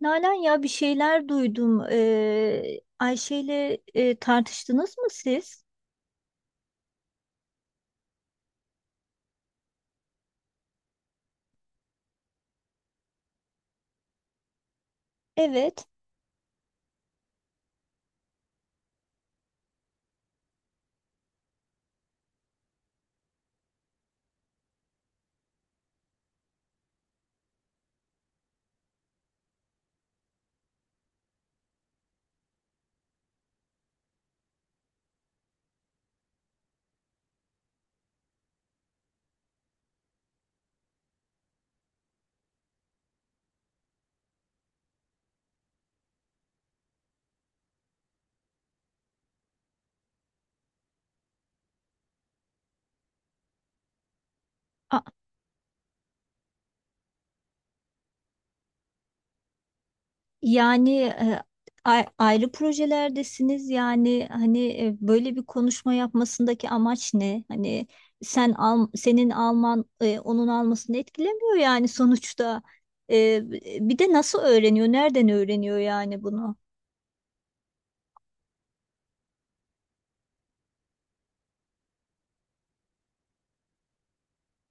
Nalan, ya bir şeyler duydum. Ayşe'yle tartıştınız mı siz? Evet. A- yani e, Ayrı projelerdesiniz. Yani hani, böyle bir konuşma yapmasındaki amaç ne? Hani sen al, senin alman onun almasını etkilemiyor yani sonuçta. E, Bir de nasıl öğreniyor? Nereden öğreniyor yani bunu?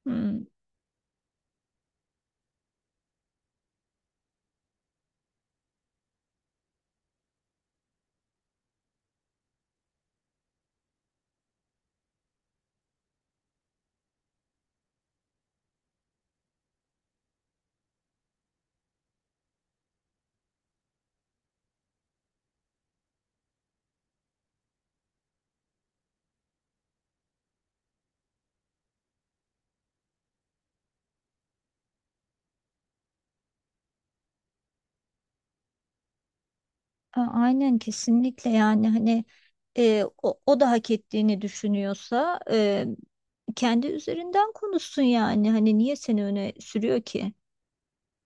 Hmm. Aynen, kesinlikle. Yani hani o da hak ettiğini düşünüyorsa, kendi üzerinden konuşsun. Yani hani niye seni öne sürüyor ki?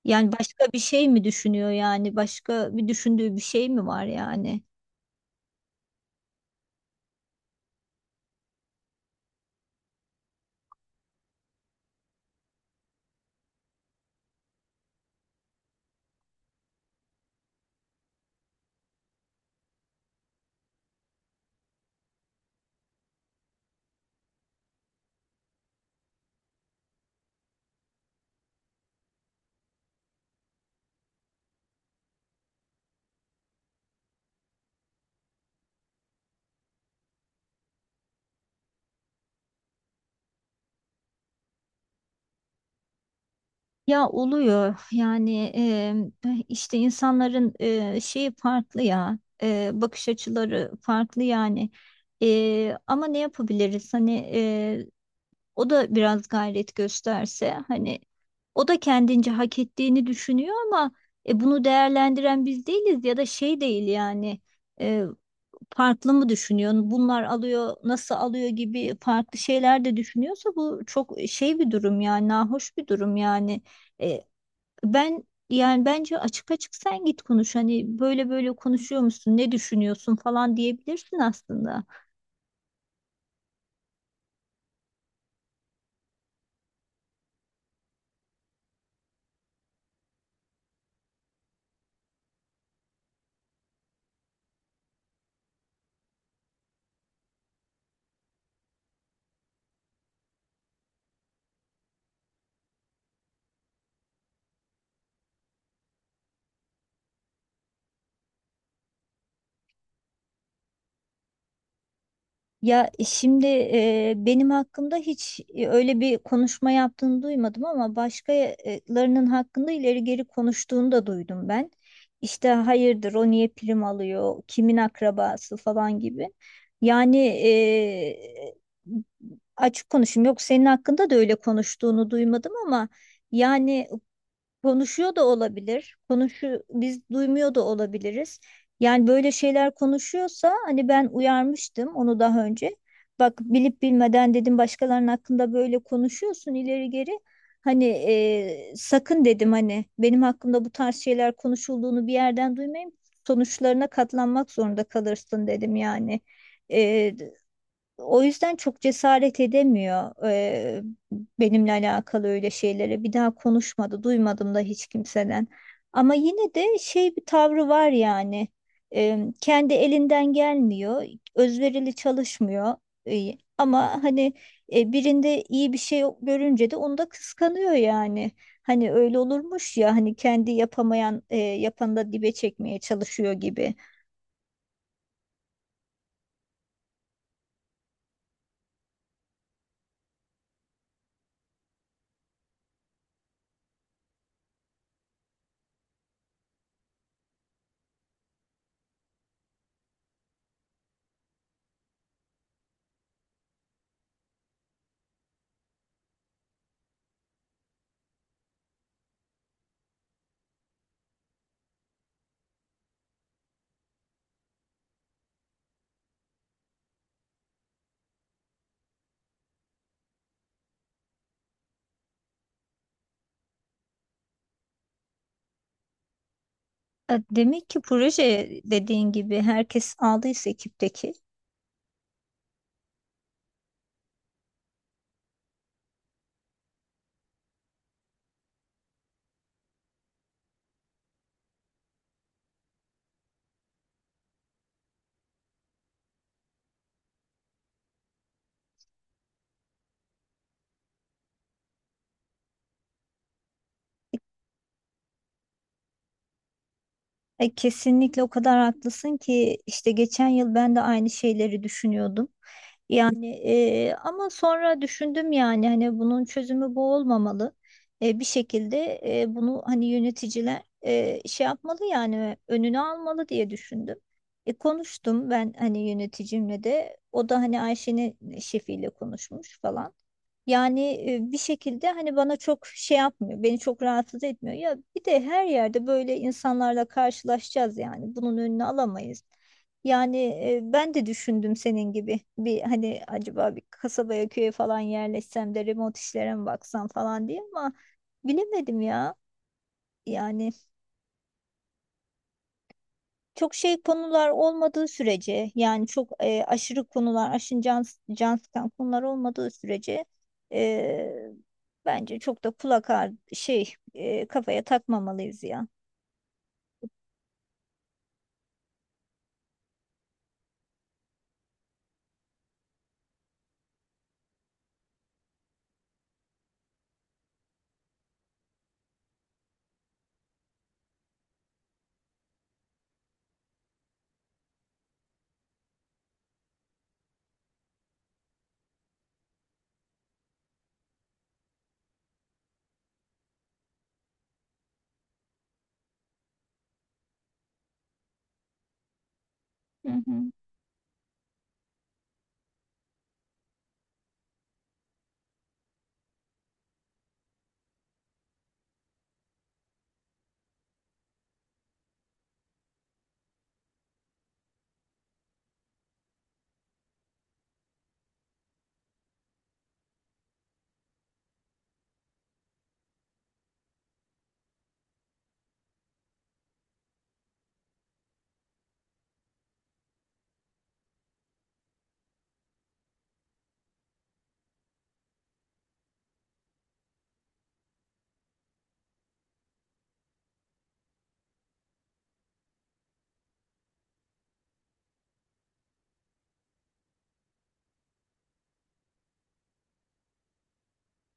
Yani başka bir şey mi düşünüyor, yani başka bir düşündüğü bir şey mi var yani? Ya, oluyor yani. İşte insanların şeyi farklı ya, bakış açıları farklı yani. Ama ne yapabiliriz hani? O da biraz gayret gösterse hani, o da kendince hak ettiğini düşünüyor ama bunu değerlendiren biz değiliz ya da şey değil yani. e, Farklı mı düşünüyor? Bunlar alıyor, nasıl alıyor gibi farklı şeyler de düşünüyorsa bu çok şey bir durum yani, nahoş bir durum yani. E, ben Yani bence açık açık sen git konuş, hani böyle böyle konuşuyor musun, ne düşünüyorsun falan, diyebilirsin aslında. Ya şimdi, benim hakkımda hiç öyle bir konuşma yaptığını duymadım ama başkalarının hakkında ileri geri konuştuğunu da duydum ben. İşte hayırdır o niye prim alıyor, kimin akrabası falan gibi. Yani açık konuşayım, yok, senin hakkında da öyle konuştuğunu duymadım ama yani konuşuyor da olabilir. Konuşu biz duymuyor da olabiliriz. Yani böyle şeyler konuşuyorsa hani, ben uyarmıştım onu daha önce. Bak, bilip bilmeden dedim, başkalarının hakkında böyle konuşuyorsun ileri geri. Hani sakın dedim, hani benim hakkımda bu tarz şeyler konuşulduğunu bir yerden duymayayım. Sonuçlarına katlanmak zorunda kalırsın dedim yani. O yüzden çok cesaret edemiyor benimle alakalı öyle şeylere. Bir daha konuşmadı, duymadım da hiç kimseden. Ama yine de şey, bir tavrı var yani. Kendi elinden gelmiyor, özverili çalışmıyor. Ama hani birinde iyi bir şey görünce de onu da kıskanıyor yani. Hani öyle olurmuş ya, hani kendi yapamayan yapanı da dibe çekmeye çalışıyor gibi. Demek ki proje, dediğin gibi, herkes aldıysa ekipteki. Kesinlikle, o kadar haklısın ki, işte geçen yıl ben de aynı şeyleri düşünüyordum. Yani ama sonra düşündüm, yani hani bunun çözümü bu olmamalı. Bir şekilde bunu hani yöneticiler şey yapmalı yani, önünü almalı diye düşündüm. Konuştum ben, hani yöneticimle de, o da hani Ayşe'nin şefiyle konuşmuş falan. Yani bir şekilde hani bana çok şey yapmıyor, beni çok rahatsız etmiyor. Ya bir de her yerde böyle insanlarla karşılaşacağız yani. Bunun önünü alamayız. Yani ben de düşündüm senin gibi bir hani, acaba bir kasabaya, köye falan yerleşsem de remote işlere mi baksam falan diye, ama bilemedim ya. Yani çok şey konular olmadığı sürece, yani çok aşırı konular, aşırı can, can sıkan konular olmadığı sürece, e, bence çok da kulak ağrı şey, kafaya takmamalıyız ya. Hı hı.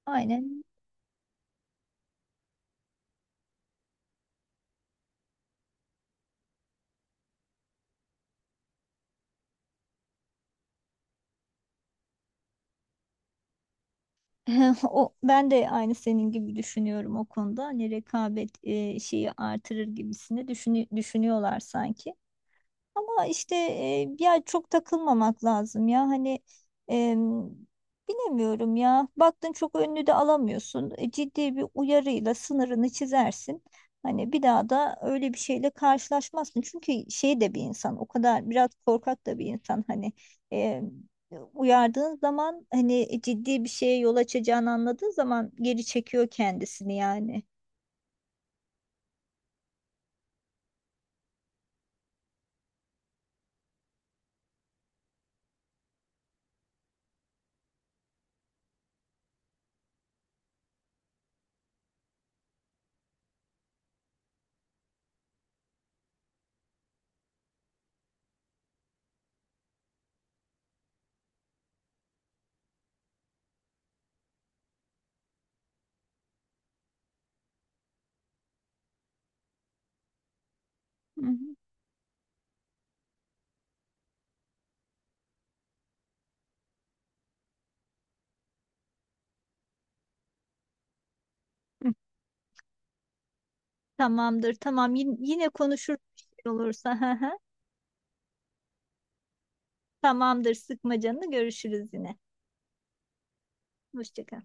Aynen. O, ben de aynı senin gibi düşünüyorum o konuda. Hani rekabet şeyi artırır gibisini düşünüyorlar sanki. Ama işte ya çok takılmamak lazım ya hani, em, bilemiyorum ya, baktın çok önünü de alamıyorsun, ciddi bir uyarıyla sınırını çizersin, hani bir daha da öyle bir şeyle karşılaşmazsın, çünkü şey de bir insan o kadar, biraz korkak da bir insan hani, em, uyardığın zaman hani ciddi bir şeye yol açacağını anladığı zaman geri çekiyor kendisini yani. Hı hı. Tamamdır, tamam. Yine konuşuruz bir şey olursa. Tamamdır, sıkma canını. Görüşürüz yine. Hoşça kal.